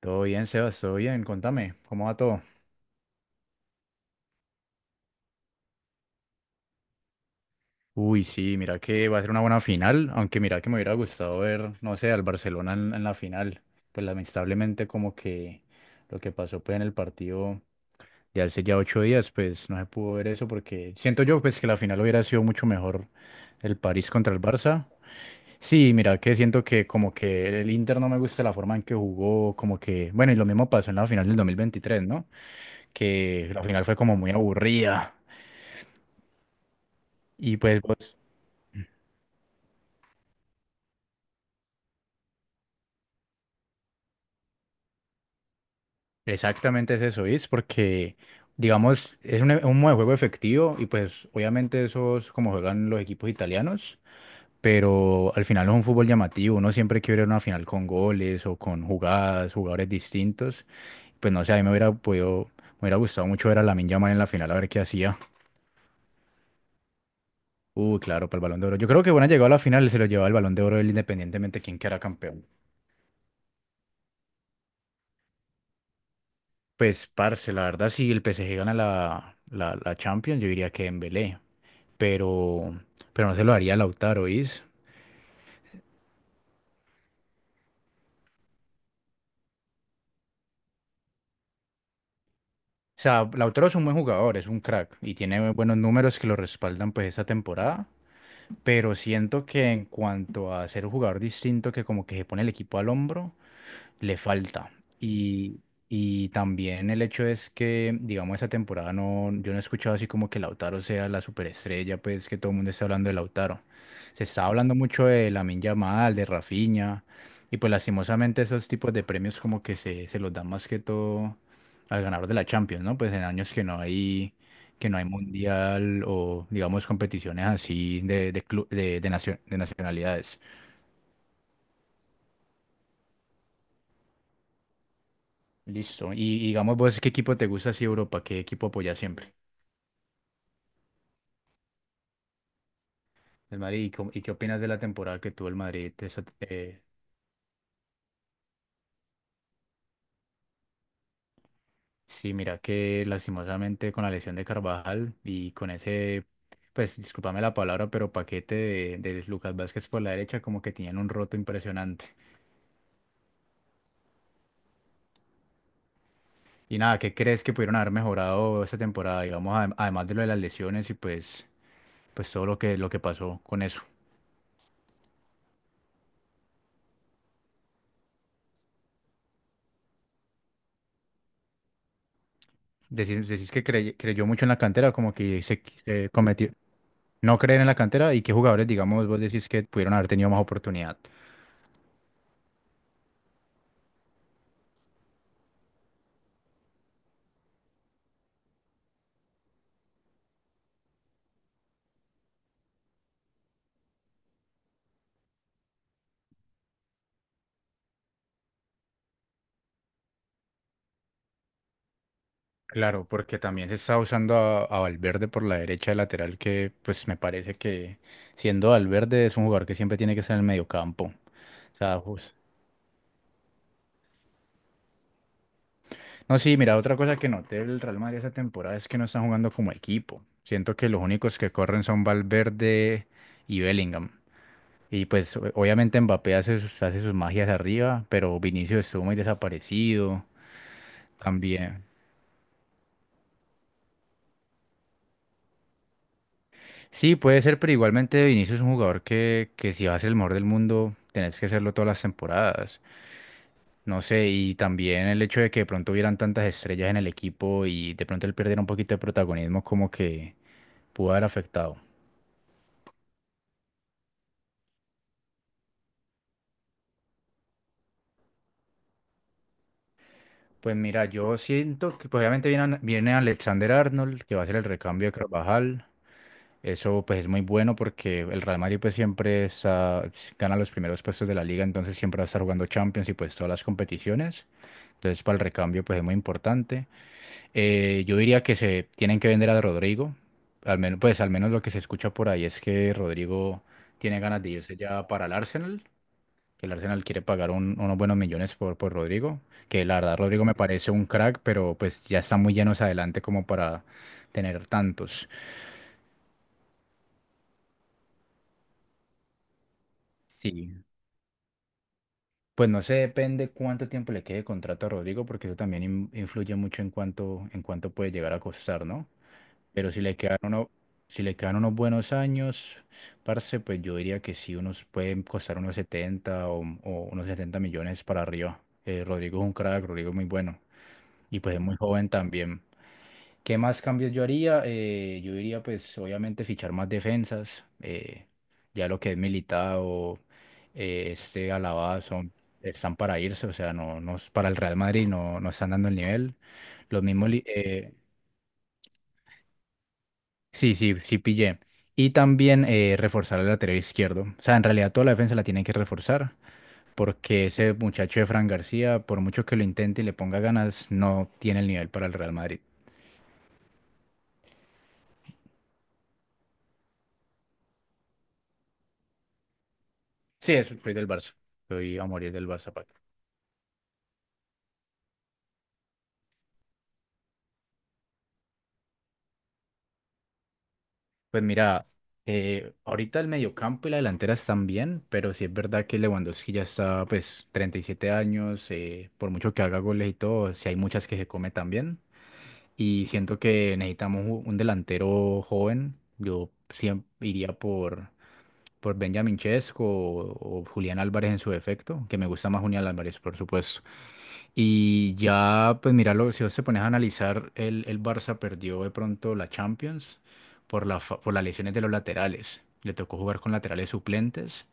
Todo bien, Sebas, todo bien, contame, ¿cómo va todo? Uy, sí, mira que va a ser una buena final, aunque mira que me hubiera gustado ver, no sé, al Barcelona en la final. Pues lamentablemente como que lo que pasó pues en el partido de hace ya 8 días, pues no se pudo ver eso porque siento yo pues que la final hubiera sido mucho mejor el París contra el Barça. Sí, mira que siento que como que el Inter no me gusta la forma en que jugó, como que, bueno, y lo mismo pasó en la final del 2023, ¿no? Que la final fue como muy aburrida. Y pues vos. Exactamente es eso, es porque, digamos, es un modo de juego efectivo y pues obviamente eso es como juegan los equipos italianos, pero al final es un fútbol llamativo, uno siempre quiere ver una final con goles o con jugadas, jugadores distintos, pues no sé, a mí me hubiera podido, me hubiera gustado mucho ver a Lamine Yamal en la final, a ver qué hacía. Claro, para el Balón de Oro. Yo creo que bueno, llegado a la final se lo llevaba el Balón de Oro él independientemente de quién quedara campeón. Pues, parce, la verdad, si el PSG gana la Champions, yo diría que Dembélé. pero, pero no se lo haría a Lautaro, ¿oís? O sea, Lautaro es un buen jugador, es un crack y tiene buenos números que lo respaldan pues esta temporada, pero siento que en cuanto a ser un jugador distinto que como que se pone el equipo al hombro, le falta. Y, y también el hecho es que, digamos, esa temporada no, yo no he escuchado así como que Lautaro sea la superestrella, pues que todo el mundo está hablando de Lautaro. Se está hablando mucho de Lamine Yamal, de Rafinha, y pues lastimosamente esos tipos de premios como que se los dan más que todo al ganador de la Champions, ¿no? Pues en años que no hay mundial o digamos competiciones así de, clu- de nacio- de nacionalidades. Listo. Y digamos vos, ¿qué equipo te gusta así de Europa? ¿Qué equipo apoyas siempre? El Madrid. ¿Y qué opinas de la temporada que tuvo el Madrid? Sí, mira que lastimosamente con la lesión de Carvajal y con ese, pues discúlpame la palabra, pero paquete de Lucas Vázquez por la derecha como que tenían un roto impresionante. Y nada, ¿qué crees que pudieron haber mejorado esta temporada? Digamos, además de lo de las lesiones y pues, pues todo lo que pasó con eso. Decís que creyó mucho en la cantera, como que se cometió no creer en la cantera y qué jugadores, digamos, vos decís que pudieron haber tenido más oportunidad. Claro, porque también se está usando a Valverde por la derecha de lateral, que pues me parece que siendo Valverde es un jugador que siempre tiene que estar en el mediocampo. O sea, no, sí, mira, otra cosa que noté del Real Madrid esta temporada es que no están jugando como equipo. Siento que los únicos que corren son Valverde y Bellingham. Y pues obviamente Mbappé hace sus magias arriba, pero Vinicius estuvo muy desaparecido también. Sí, puede ser, pero igualmente Vinicius es un jugador que si vas a ser el mejor del mundo, tenés que hacerlo todas las temporadas. No sé, y también el hecho de que de pronto hubieran tantas estrellas en el equipo y de pronto él perdiera un poquito de protagonismo como que pudo haber afectado. Pues mira, yo siento que pues, obviamente viene Alexander Arnold, que va a ser el recambio de Carvajal. Eso pues es muy bueno porque el Real Madrid pues siempre está, gana los primeros puestos de la liga, entonces siempre va a estar jugando Champions y pues todas las competiciones. Entonces para el recambio pues es muy importante. Yo diría que se tienen que vender a Rodrigo. Al menos, pues al menos lo que se escucha por ahí es que Rodrigo tiene ganas de irse ya para el Arsenal, que el Arsenal quiere pagar unos buenos millones por Rodrigo, que la verdad Rodrigo me parece un crack, pero pues ya está muy llenos adelante como para tener tantos. Sí. Pues no sé, depende cuánto tiempo le quede de contrato a Rodrigo, porque eso también influye mucho en cuánto puede llegar a costar, ¿no? Pero si le quedan uno, si le quedan unos buenos años, parce, pues yo diría que sí, unos pueden costar unos 70 o unos 70 millones para arriba. Rodrigo es un crack, Rodrigo es muy bueno. Y pues es muy joven también. ¿Qué más cambios yo haría? Yo diría, pues, obviamente fichar más defensas, ya lo que es Militao, este Alaba son, están para irse, o sea, no, no para el Real Madrid no, no están dando el nivel. Los mismos, sí, sí, sí pillé. Y también reforzar el lateral izquierdo. O sea, en realidad toda la defensa la tienen que reforzar, porque ese muchacho de Fran García, por mucho que lo intente y le ponga ganas, no tiene el nivel para el Real Madrid. Sí, eso, soy del Barça. Soy a morir del Barça. Pues mira, ahorita el mediocampo y la delantera están bien, pero sí es verdad que Lewandowski ya está, pues, 37 años, por mucho que haga goles y todo, sí hay muchas que se come también. Y siento que necesitamos un delantero joven. Yo siempre iría por Benjamin Chesco o Julián Álvarez en su defecto, que me gusta más Julián Álvarez, por supuesto. Y ya, pues míralo, si vos te pones a analizar, el Barça perdió de pronto la Champions por las lesiones de los laterales. Le tocó jugar con laterales suplentes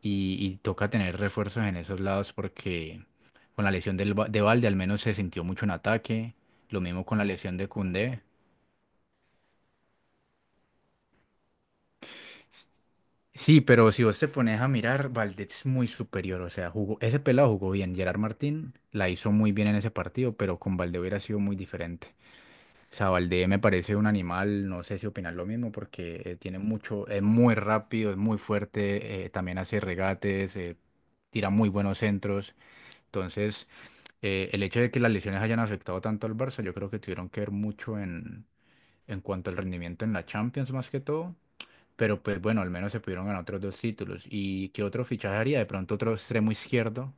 y toca tener refuerzos en esos lados porque con la lesión de Valde al menos se sintió mucho en ataque. Lo mismo con la lesión de Koundé. Sí, pero si vos te pones a mirar, Valde es muy superior. O sea, jugó, ese pelado jugó bien. Gerard Martín la hizo muy bien en ese partido, pero con Valde hubiera sido muy diferente. Sabaldé me parece un animal, no sé si opinas lo mismo, porque tiene mucho, es muy rápido, es muy fuerte, también hace regates, tira muy buenos centros. Entonces, el hecho de que las lesiones hayan afectado tanto al Barça, yo creo que tuvieron que ver mucho en cuanto al rendimiento en la Champions más que todo, pero pues bueno, al menos se pudieron ganar otros dos títulos. ¿Y qué otro fichaje haría? De pronto otro extremo izquierdo.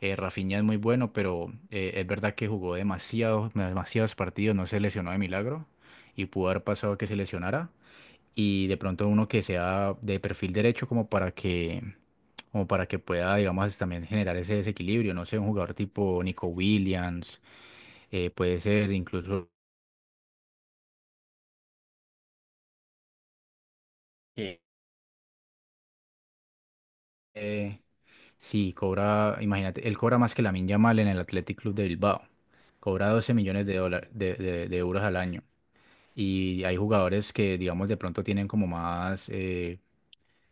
Rafinha es muy bueno, pero es verdad que jugó demasiados, demasiados partidos, no se lesionó de milagro y pudo haber pasado que se lesionara. Y de pronto uno que sea de perfil derecho como para que pueda, digamos, también generar ese desequilibrio. No sé, un jugador tipo Nico Williams, puede ser incluso. Sí. eh, Sí, cobra, imagínate, él cobra más que Lamine Yamal en el Athletic Club de Bilbao. Cobra 12 millones de dólares, de euros al año. Y hay jugadores que, digamos, de pronto tienen como más,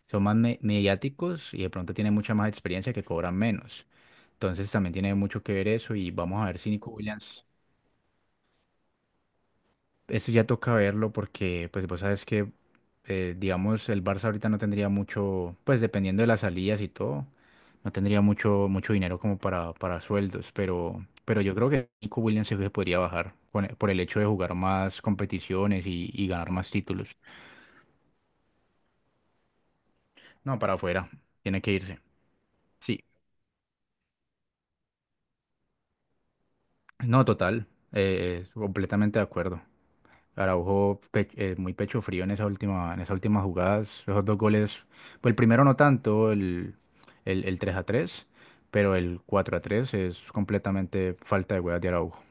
son más mediáticos y de pronto tienen mucha más experiencia que cobran menos. Entonces también tiene mucho que ver eso y vamos a ver si Nico Williams. Eso ya toca verlo porque, pues, vos sabes que, digamos, el Barça ahorita no tendría mucho, pues, dependiendo de las salidas y todo, no tendría mucho, mucho dinero como para sueldos, pero yo creo que Nico Williams sí se podría bajar por el hecho de jugar más competiciones y ganar más títulos. No, para afuera, tiene que irse. Sí, no, total, completamente de acuerdo. Araujo muy pecho frío en esa última, en esas últimas jugadas. Esos dos goles, pues el primero no tanto, el, el 3 a tres pero el 4-3 es completamente falta de huevas de Araujo.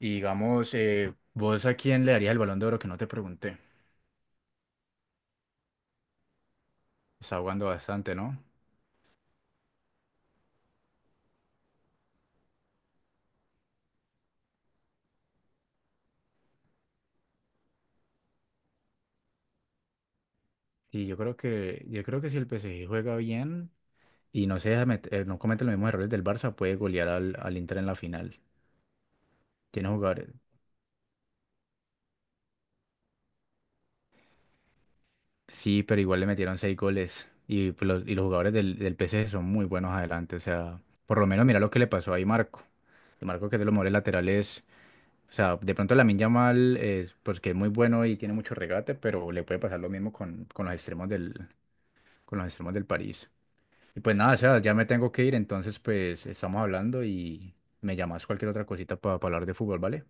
Y digamos, ¿vos a quién le darías el Balón de Oro que no te pregunté? Está jugando bastante, ¿no? Sí, yo creo que si el PSG juega bien y no se deja no comete los mismos errores del Barça, puede golear al Inter en la final. Tiene jugadores. Sí, pero igual le metieron seis goles. Y, pues los, y los jugadores del, del P PSG son muy buenos adelante. O sea, por lo menos mira lo que le pasó ahí Marco. Y Marco que es de los mejores laterales. O sea, de pronto Lamine Yamal, pues que es muy bueno y tiene mucho regate, pero le puede pasar lo mismo con los extremos del París. Y pues nada, o sea, ya me tengo que ir, entonces pues estamos hablando y me llamas cualquier otra cosita para hablar de fútbol, ¿vale?